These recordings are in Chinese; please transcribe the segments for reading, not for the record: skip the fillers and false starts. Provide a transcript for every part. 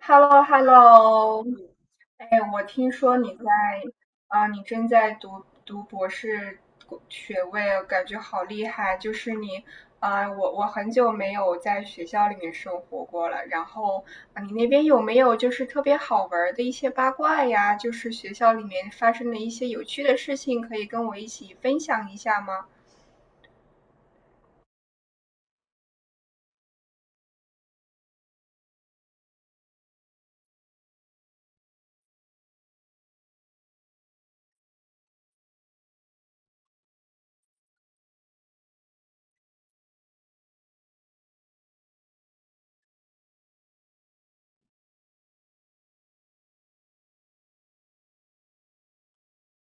Hello，Hello，我听说你在你正在读博士学位，感觉好厉害。就是你我很久没有在学校里面生活过了。然后、你那边有没有就是特别好玩的一些八卦呀？就是学校里面发生的一些有趣的事情，可以跟我一起分享一下吗？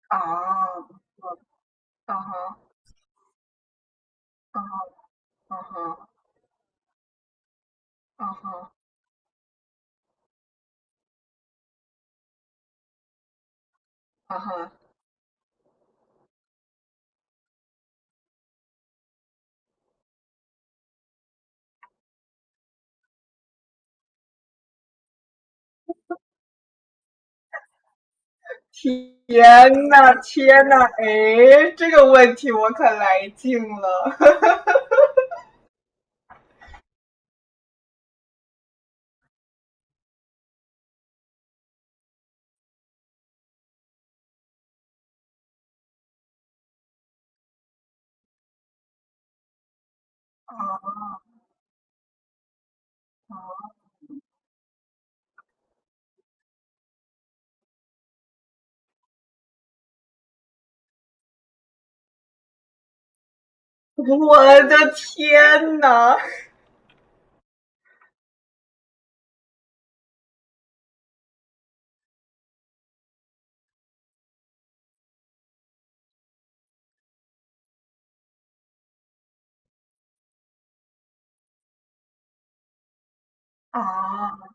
啊，嗯哼，嗯哼，嗯哼，嗯哼，嗯哼。天呐，天呐，哎，这个问题我可来劲了！啊啊！我的天呐！啊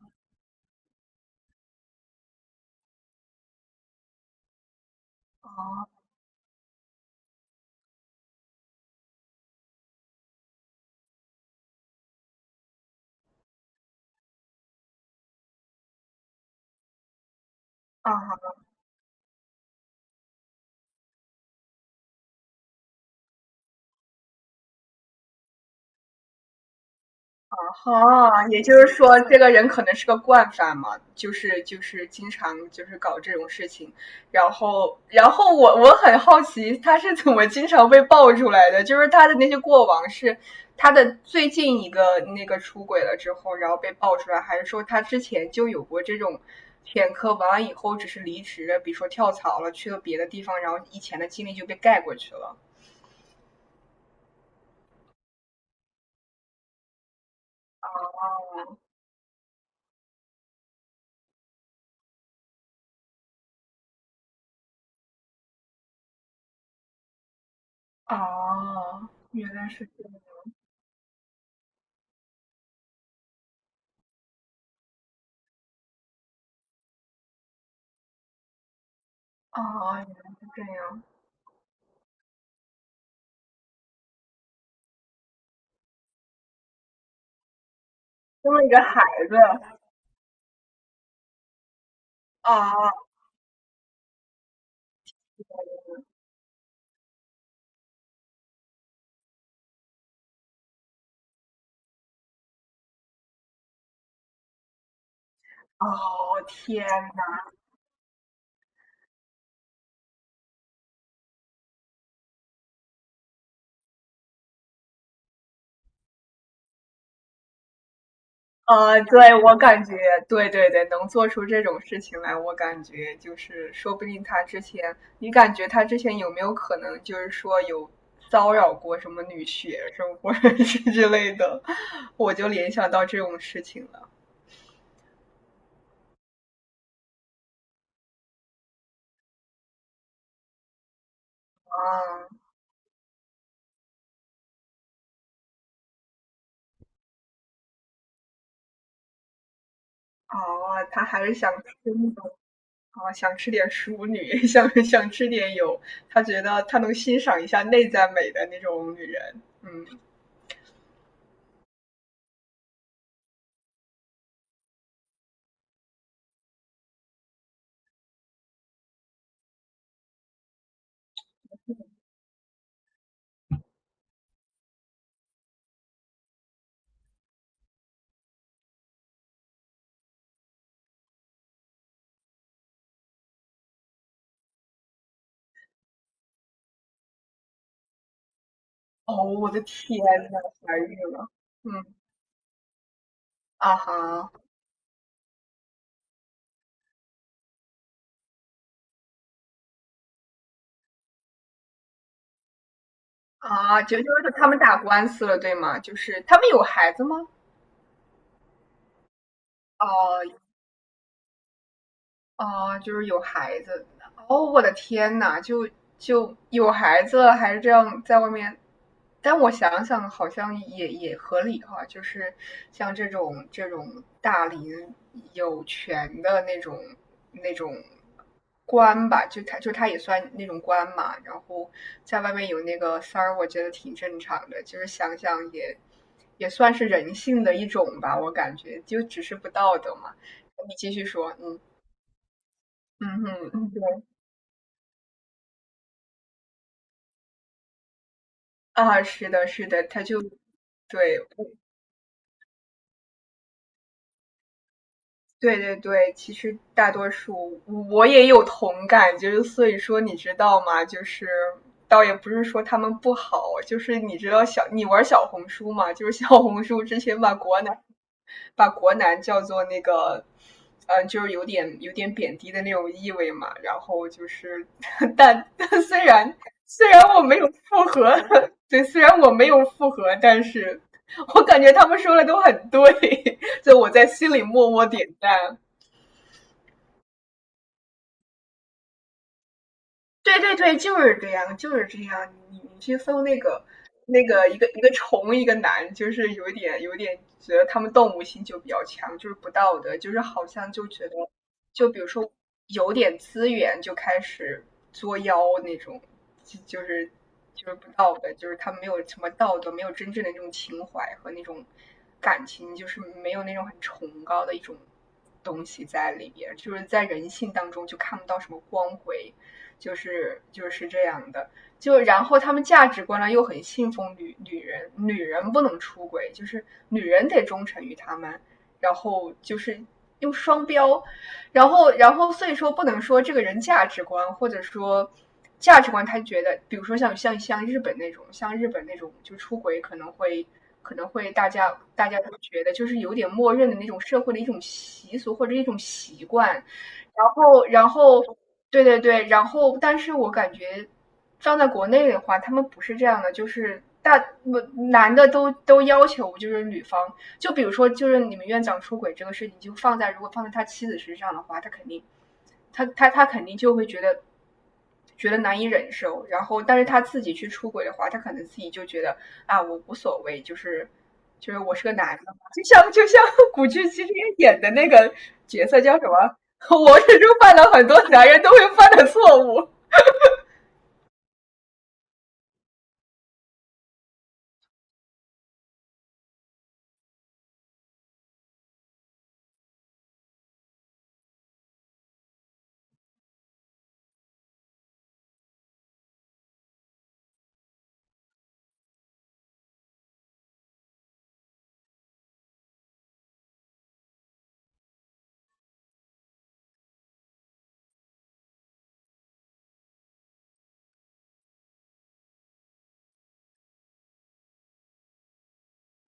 啊啊！哦，也就是说，这个人可能是个惯犯嘛，就是经常就是搞这种事情，然后我很好奇他是怎么经常被爆出来的，就是他的那些过往是他的最近一个那个出轨了之后，然后被爆出来，还是说他之前就有过这种前科，完了以后只是离职了，比如说跳槽了，去了别的地方，然后以前的经历就被盖过去了。哦，原来是这样。哦，原来是这样。生了一个孩子啊，哦天呐，对我感觉，对对对，能做出这种事情来，我感觉就是说不定他之前，你感觉他之前有没有可能就是说有骚扰过什么女学生或者是之类的，我就联想到这种事情了啊，哦，他还是想吃那种啊，想吃点淑女，想吃点有，他觉得他能欣赏一下内在美的那种女人，嗯。哦，我的天呐，怀孕了，嗯，啊哈，啊，就是他们打官司了，对吗？就是他们有孩子吗？哦，哦，就是有孩子。哦，我的天呐，就有孩子了，还这样在外面。但我想想，好像也合理哈、就是像这种大龄有权的那种官吧，就他也算那种官嘛，然后在外面有那个三儿，我觉得挺正常的，就是想想也算是人性的一种吧，我感觉就只是不道德嘛。你继续说，嗯。嗯哼，嗯对，啊，是的，是的，他就对，对对对，其实大多数我也有同感，就是所以说，你知道吗？就是倒也不是说他们不好，就是你知道你玩小红书嘛？就是小红书之前把国男叫做那个，就是有点贬低的那种意味嘛。然后就是，但虽然我没有复合，对，虽然我没有复合，但是我感觉他们说的都很对。就我在心里默默点赞。对对对，就是这样，就是这样。你去搜那个一个虫一个男，就是有一点觉得他们动物性就比较强，就是不道德，就是好像就觉得，就比如说有点资源就开始作妖那种，就就是就是不道德，就是他们没有什么道德，没有真正的那种情怀和那种感情，就是没有那种很崇高的一种东西在里边，就是在人性当中就看不到什么光辉。就是这样的。就然后他们价值观呢又很信奉女人，女人不能出轨，就是女人得忠诚于他们，然后就是用双标，然后所以说不能说这个人价值观或者说价值观，他觉得比如说像日本那种，就出轨可能会大家都觉得就是有点默认的那种社会的一种习俗或者一种习惯，然后。对对对，然后但是我感觉放在国内的话，他们不是这样的，就是不男的都要求就是女方，就比如说就是你们院长出轨这个事情，就放在如果放在他妻子身上的话，他肯定就会觉得难以忍受，然后但是他自己去出轨的话，他可能自己就觉得啊我无所谓，就是我是个男的嘛就像古巨基之前演的那个角色叫什么？我始终犯了很多男人都会犯的错误。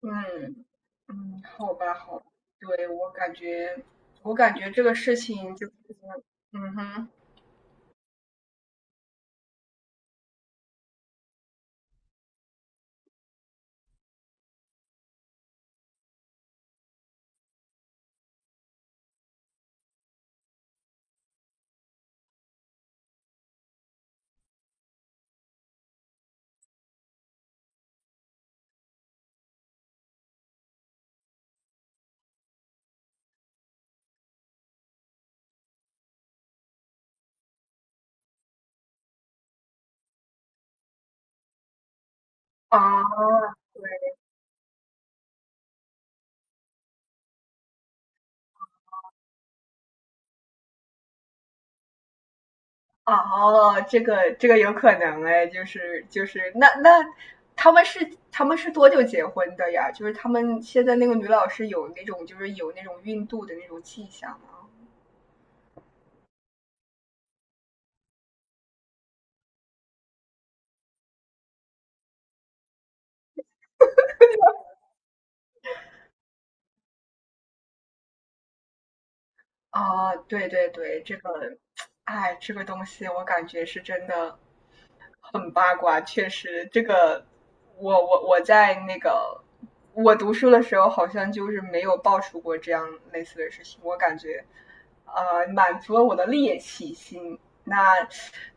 嗯嗯，好吧，好吧，对，我感觉，这个事情就是，嗯哼，啊，对，哦，这个有可能哎，就是，那他们是多久结婚的呀？就是他们现在那个女老师有那种就是有那种孕肚的那种迹象吗？啊，对对对，这个，哎，这个东西我感觉是真的，很八卦，确实，这个我我我在那个我读书的时候，好像就是没有爆出过这样类似的事情。我感觉，满足了我的猎奇心。那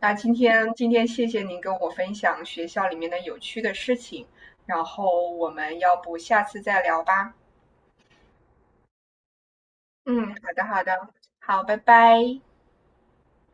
那今天谢谢您跟我分享学校里面的有趣的事情，然后我们要不下次再聊吧？嗯，好的好的，好，拜拜。